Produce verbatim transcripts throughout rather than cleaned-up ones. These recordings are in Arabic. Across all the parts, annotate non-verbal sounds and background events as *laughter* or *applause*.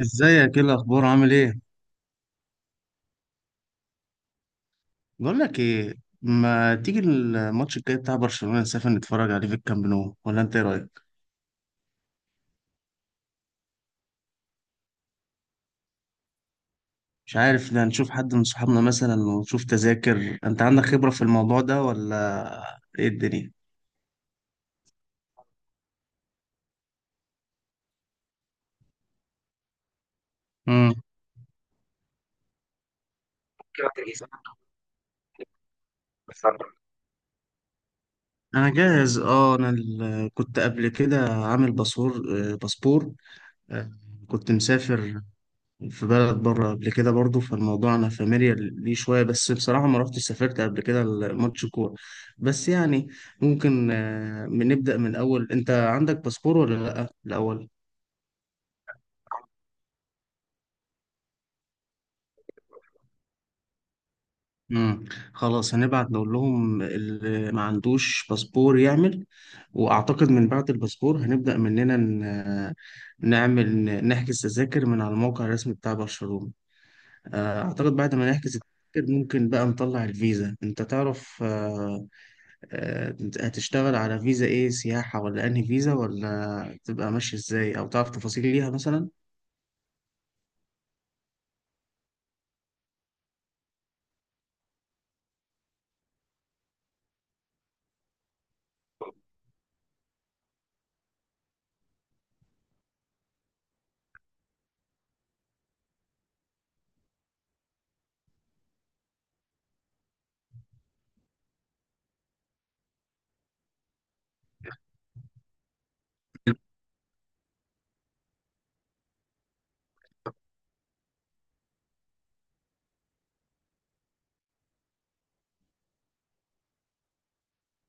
ازيك، ايه الاخبار، عامل ايه؟ بقول لك ايه. ما تيجي الماتش الجاي بتاع برشلونة نسافر نتفرج عليه في الكامب نو، ولا انت ايه رايك؟ مش عارف، ده نشوف حد من صحابنا مثلا ونشوف تذاكر. انت عندك خبرة في الموضوع ده ولا ايه الدنيا؟ امم انا جاهز ال- اه انا ال- كنت قبل كده عامل باسور. آه، باسبور. آه، كنت مسافر في بلد بره قبل كده برضو، فالموضوع انا فاميليار ليه شويه، بس بصراحه ما رحتش سافرت قبل كده ماتش كوره، بس يعني ممكن آه، نبدا من الاول. انت عندك باسبور ولا لا الاول؟ امم خلاص، هنبعت نقول لهم اللي ما عندوش باسبور يعمل. واعتقد من بعد الباسبور هنبدا مننا ن- نعمل نحجز تذاكر من على الموقع الرسمي بتاع برشلونه. آه، اعتقد بعد ما نحجز التذاكر ممكن بقى نطلع الفيزا. انت تعرف آه، آه، هتشتغل على فيزا ايه، سياحة ولا انهي فيزا، ولا تبقى ماشي ازاي، او تعرف تفاصيل ليها مثلا؟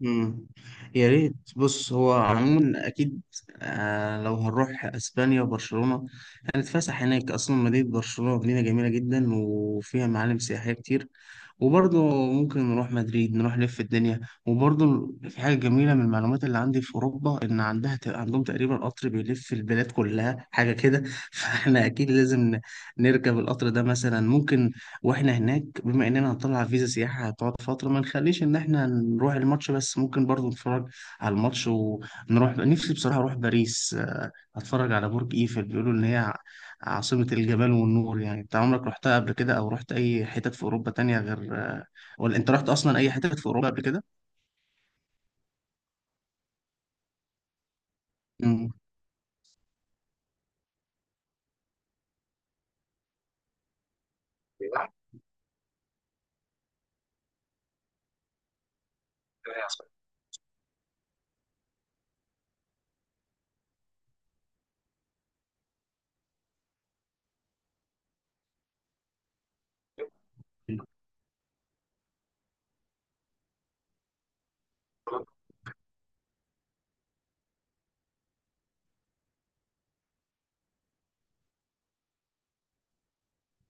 مم. يا ريت. بص، هو عموما اكيد آه لو هنروح اسبانيا وبرشلونه هنتفسح هناك. اصلا مدينه برشلونه مدينه جميله جدا وفيها معالم سياحيه كتير. وبرضه ممكن نروح مدريد، نروح نلف الدنيا. وبرضه في حاجه جميله من المعلومات اللي عندي في اوروبا، ان عندها ت- عندهم تقريبا قطر بيلف البلاد كلها، حاجه كده *laughs* فاحنا اكيد لازم ن- نركب القطر ده مثلا ممكن. واحنا هناك، بما اننا هنطلع فيزا سياحة هتقعد فترة، ما نخليش ان احنا نروح الماتش بس، ممكن برضو نتفرج على الماتش ونروح. نفسي بصراحة اروح باريس، آه، اتفرج على برج ايفل. بيقولوا ان هي ع- عاصمة الجمال والنور. يعني انت عمرك رحتها قبل كده، او رحت اي حتت في اوروبا تانية غير، آه، ولا انت رحت اصلا اي حتت في اوروبا قبل كده؟ مم.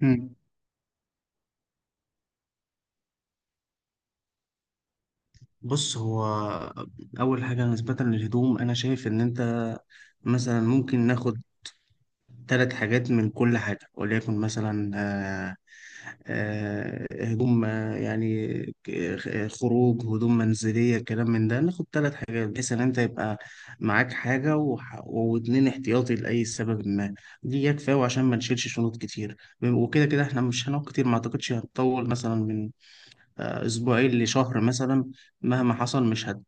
مم. بص، هو أول حاجة نسبة للهدوم أنا شايف إن أنت مثلا ممكن ناخد ثلاث حاجات من كل حاجة، وليكن مثلا آه، آه، هدوم آه، يعني ك- آه، خروج، هدوم منزلية، كلام من ده، ناخد ثلاث حاجات، بحيث إن أنت يبقى معاك حاجة وح- واتنين احتياطي لأي سبب ما. دي كفاية، وعشان ما نشيلش شنط كتير. وكده كده إحنا مش هنقعد كتير، ما أعتقدش هنطول مثلا من آه، اسبوعين لشهر مثلا. مهما حصل مش هت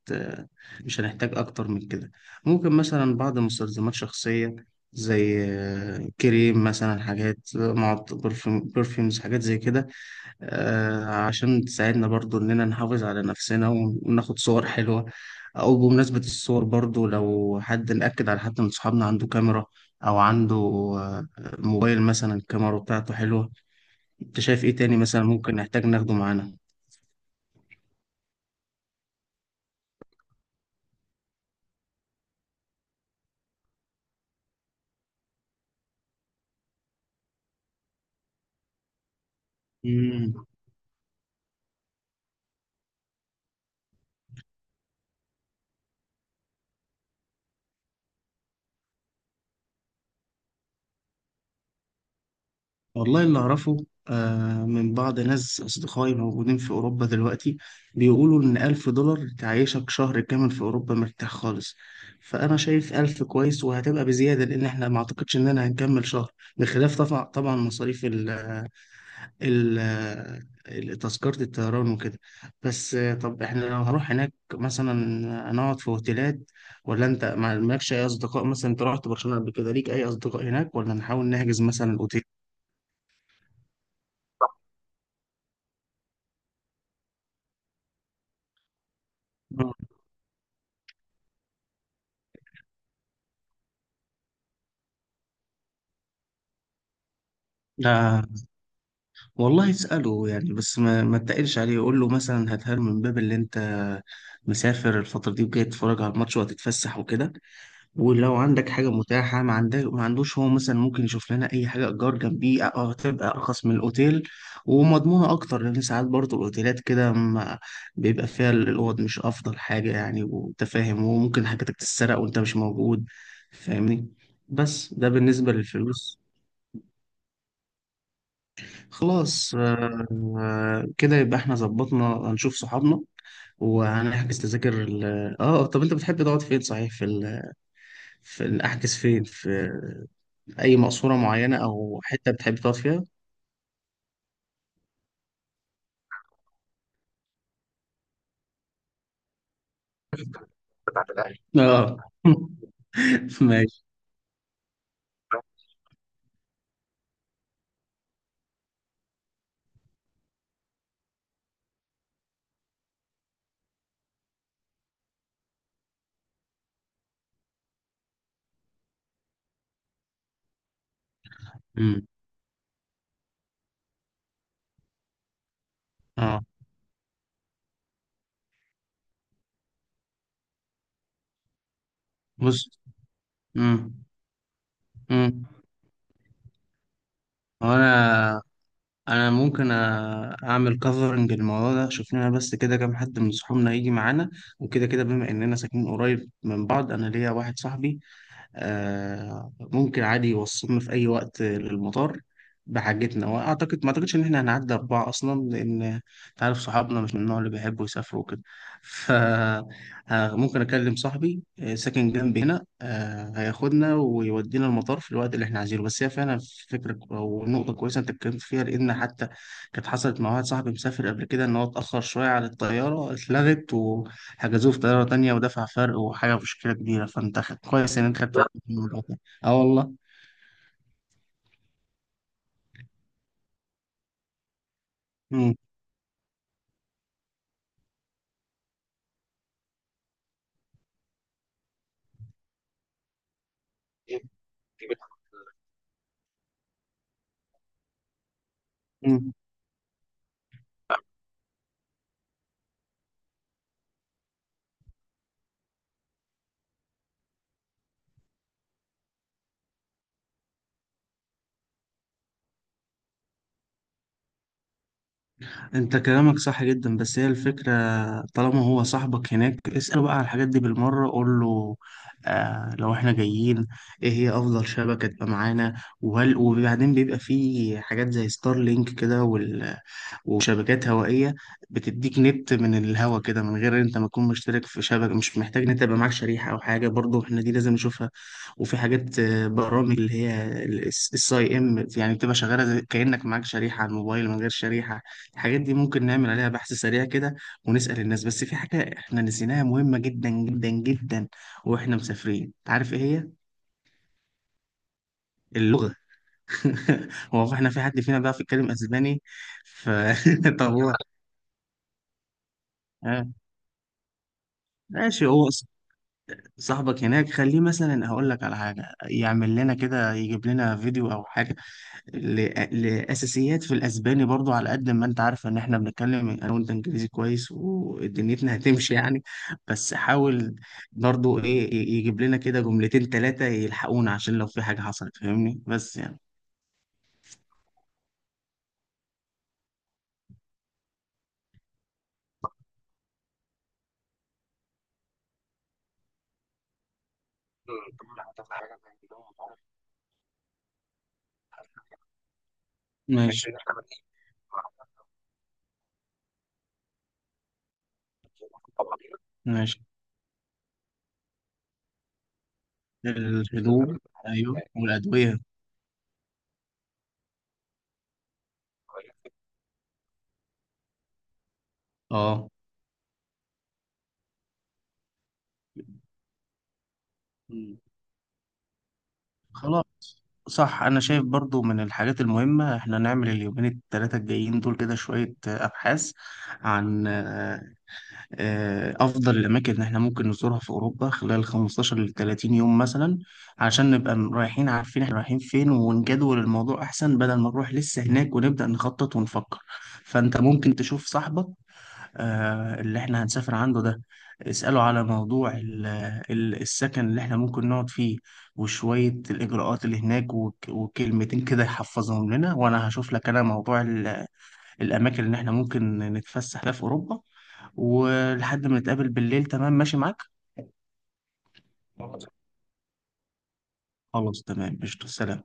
مش هنحتاج اكتر من كده. ممكن مثلا بعض مستلزمات شخصية زي آه، كريم مثلا، حاجات معط برفيومز، حاجات زي كده، آه، عشان تساعدنا برضو اننا نحافظ على نفسنا وناخد صور حلوة. او بمناسبة الصور، برضو لو حد، نأكد على حد من صحابنا عنده كاميرا او عنده آه، موبايل مثلا الكاميرا بتاعته حلوة. انت شايف ايه تاني مثلا ممكن نحتاج ناخده معانا؟ مم. والله اللي أعرفه آه، من بعض ناس أصدقائي موجودين في أوروبا دلوقتي، بيقولوا إن ألف دولار تعيشك شهر كامل في أوروبا مرتاح خالص. فأنا شايف ألف كويس، وهتبقى بزيادة، لأن إحنا ما أعتقدش إننا هنكمل شهر، بخلاف طبعا طبعا مصاريف ال ال تذكرة الطيران وكده. بس آه، طب إحنا لو هنروح هناك مثلا هنقعد في أوتيلات، ولا أنت ما- مالكش أي أصدقاء؟ مثلا أنت رحت برشلونة قبل كده، ليك أي أصدقاء هناك، ولا نحاول نحجز مثلا أوتيل؟ ده والله اسأله يعني، بس ما ما تقلش عليه. قول له مثلا، هاتها له من باب اللي انت مسافر الفترة دي وجاي تتفرج على الماتش وهتتفسح وكده. ولو عندك حاجة متاحة، ما عندك ما عندوش، هو مثلا ممكن يشوف لنا أي حاجة إيجار جنبيه، أه، هتبقى أرخص من الأوتيل ومضمونة أكتر، لأن ساعات برضه الأوتيلات كده ما- بيبقى فيها الأوض مش أفضل حاجة يعني، وأنت فاهم، وممكن حاجتك تتسرق وأنت مش موجود، فاهمني. بس ده بالنسبة للفلوس. خلاص آه، آه، كده يبقى احنا ظبطنا. هنشوف صحابنا وهنحجز تذاكر ال... اه آه، طب انت بتحب تقعد فين صحيح، في ال... في ال- احجز فين، في اي مقصورة معينة او حتة بتحب تقعد فيها؟ اه *laughs* ماشي. مم. اه، بص. مم. مم. هو انا انا ممكن أ- اعمل كفرنج الموضوع ده. شوف لنا بس كده كام حد من صحابنا يجي معانا. وكده كده بما اننا ساكنين قريب من بعض، انا ليا واحد صاحبي آه، ممكن عادي يوصلنا في أي وقت للمطار بحاجتنا. وأعتقد ما أعتقدش إن إحنا هنعدي أربعة أصلا، لأن أنت عارف صحابنا مش من النوع اللي بيحبوا يسافروا وكده. فممكن *laughs* أكلم صاحبي آه، ساكن جنبي هنا، آه، هياخدنا ويودينا المطار في الوقت اللي إحنا عايزينه. بس هي فعلا فكرة كو- أو نقطة كويسة أنت اتكلمت فيها، لأن حتى كانت حصلت مع واحد صاحبي مسافر قبل كده إن هو اتأخر شوية على الطيارة، اتلغت، حجزوه في طيارة تانية ودفع فرق وحاجة، مشكلة كبيرة. فأنت خ- كويس إن أنت خدت لا بالك من الموضوع ده. أه والله. مم. مم. أنت كلامك صح جدا. بس هي الفكرة، طالما هو صاحبك هناك اسأله بقى على الحاجات دي بالمرة. قول له آه لو إحنا جايين، إيه هي أفضل شبكة تبقى معانا؟ وهل، وبعدين بيبقى فيه حاجات زي ستار لينك كده وشبكات هوائية بتديك نت من الهوا كده من غير انت ما تكون مشترك في شبكة. مش محتاج نت، يبقى معاك شريحة او حاجة برضو، احنا دي لازم نشوفها. وفي حاجات آه، برامج اللي هي الساي ام، يعني بتبقى شغالة زي- كأنك معاك شريحة على الموبايل من غير شريحة. الحاجات دي ممكن نعمل عليها بحث سريع كده ونسأل الناس. بس في حاجة احنا نسيناها مهمة جدا جدا جدا واحنا مسافرين، عارف ايه هي؟ اللغة. *laughs* هو احنا في حد فينا بيعرف يتكلم اسباني؟ ف *laughs* طب هو آه، ماشي. هو صاحبك هناك خليه مثلا، هقول لك على حاجه، يعمل لنا كده، يجيب لنا فيديو او حاجه ل- لاساسيات في الاسباني، برضو على قد ما انت عارف ان احنا بنتكلم انا وانت انجليزي كويس ودنيتنا *laughs* هتمشي يعني. بس حاول برضو ايه ي- يجيب لنا كده جملتين ثلاثه يلحقونا عشان لو في حاجه حصلت، فاهمني، بس يعني ماشي ماشي. الهدوم، ايوه، والادويه. اه خلاص. صح، انا شايف برضو من الحاجات المهمة احنا نعمل اليومين التلاتة الجايين دول كده شوية آه، ابحاث عن آه، آه، افضل الاماكن اللي احنا ممكن نزورها في اوروبا خلال خمستاشر ل تلاتين يوم مثلا، عشان نبقى م- رايحين عارفين احنا رايحين فين ونجدول الموضوع احسن، بدل ما نروح لسه هناك ونبدأ نخطط ونفكر. فانت ممكن تشوف صاحبك آه، اللي احنا هنسافر عنده ده، اسأله على موضوع ال- ال- السكن اللي احنا ممكن نقعد فيه، وشوية الإجراءات اللي هناك، وك- وكلمتين كده يحفظهم لنا. وأنا هشوف لك أنا موضوع ال- الأماكن اللي احنا ممكن نتفسح فيها في أوروبا، ولحد ما نتقابل بالليل. تمام، ماشي معاك؟ خلاص تمام قشطة، سلام.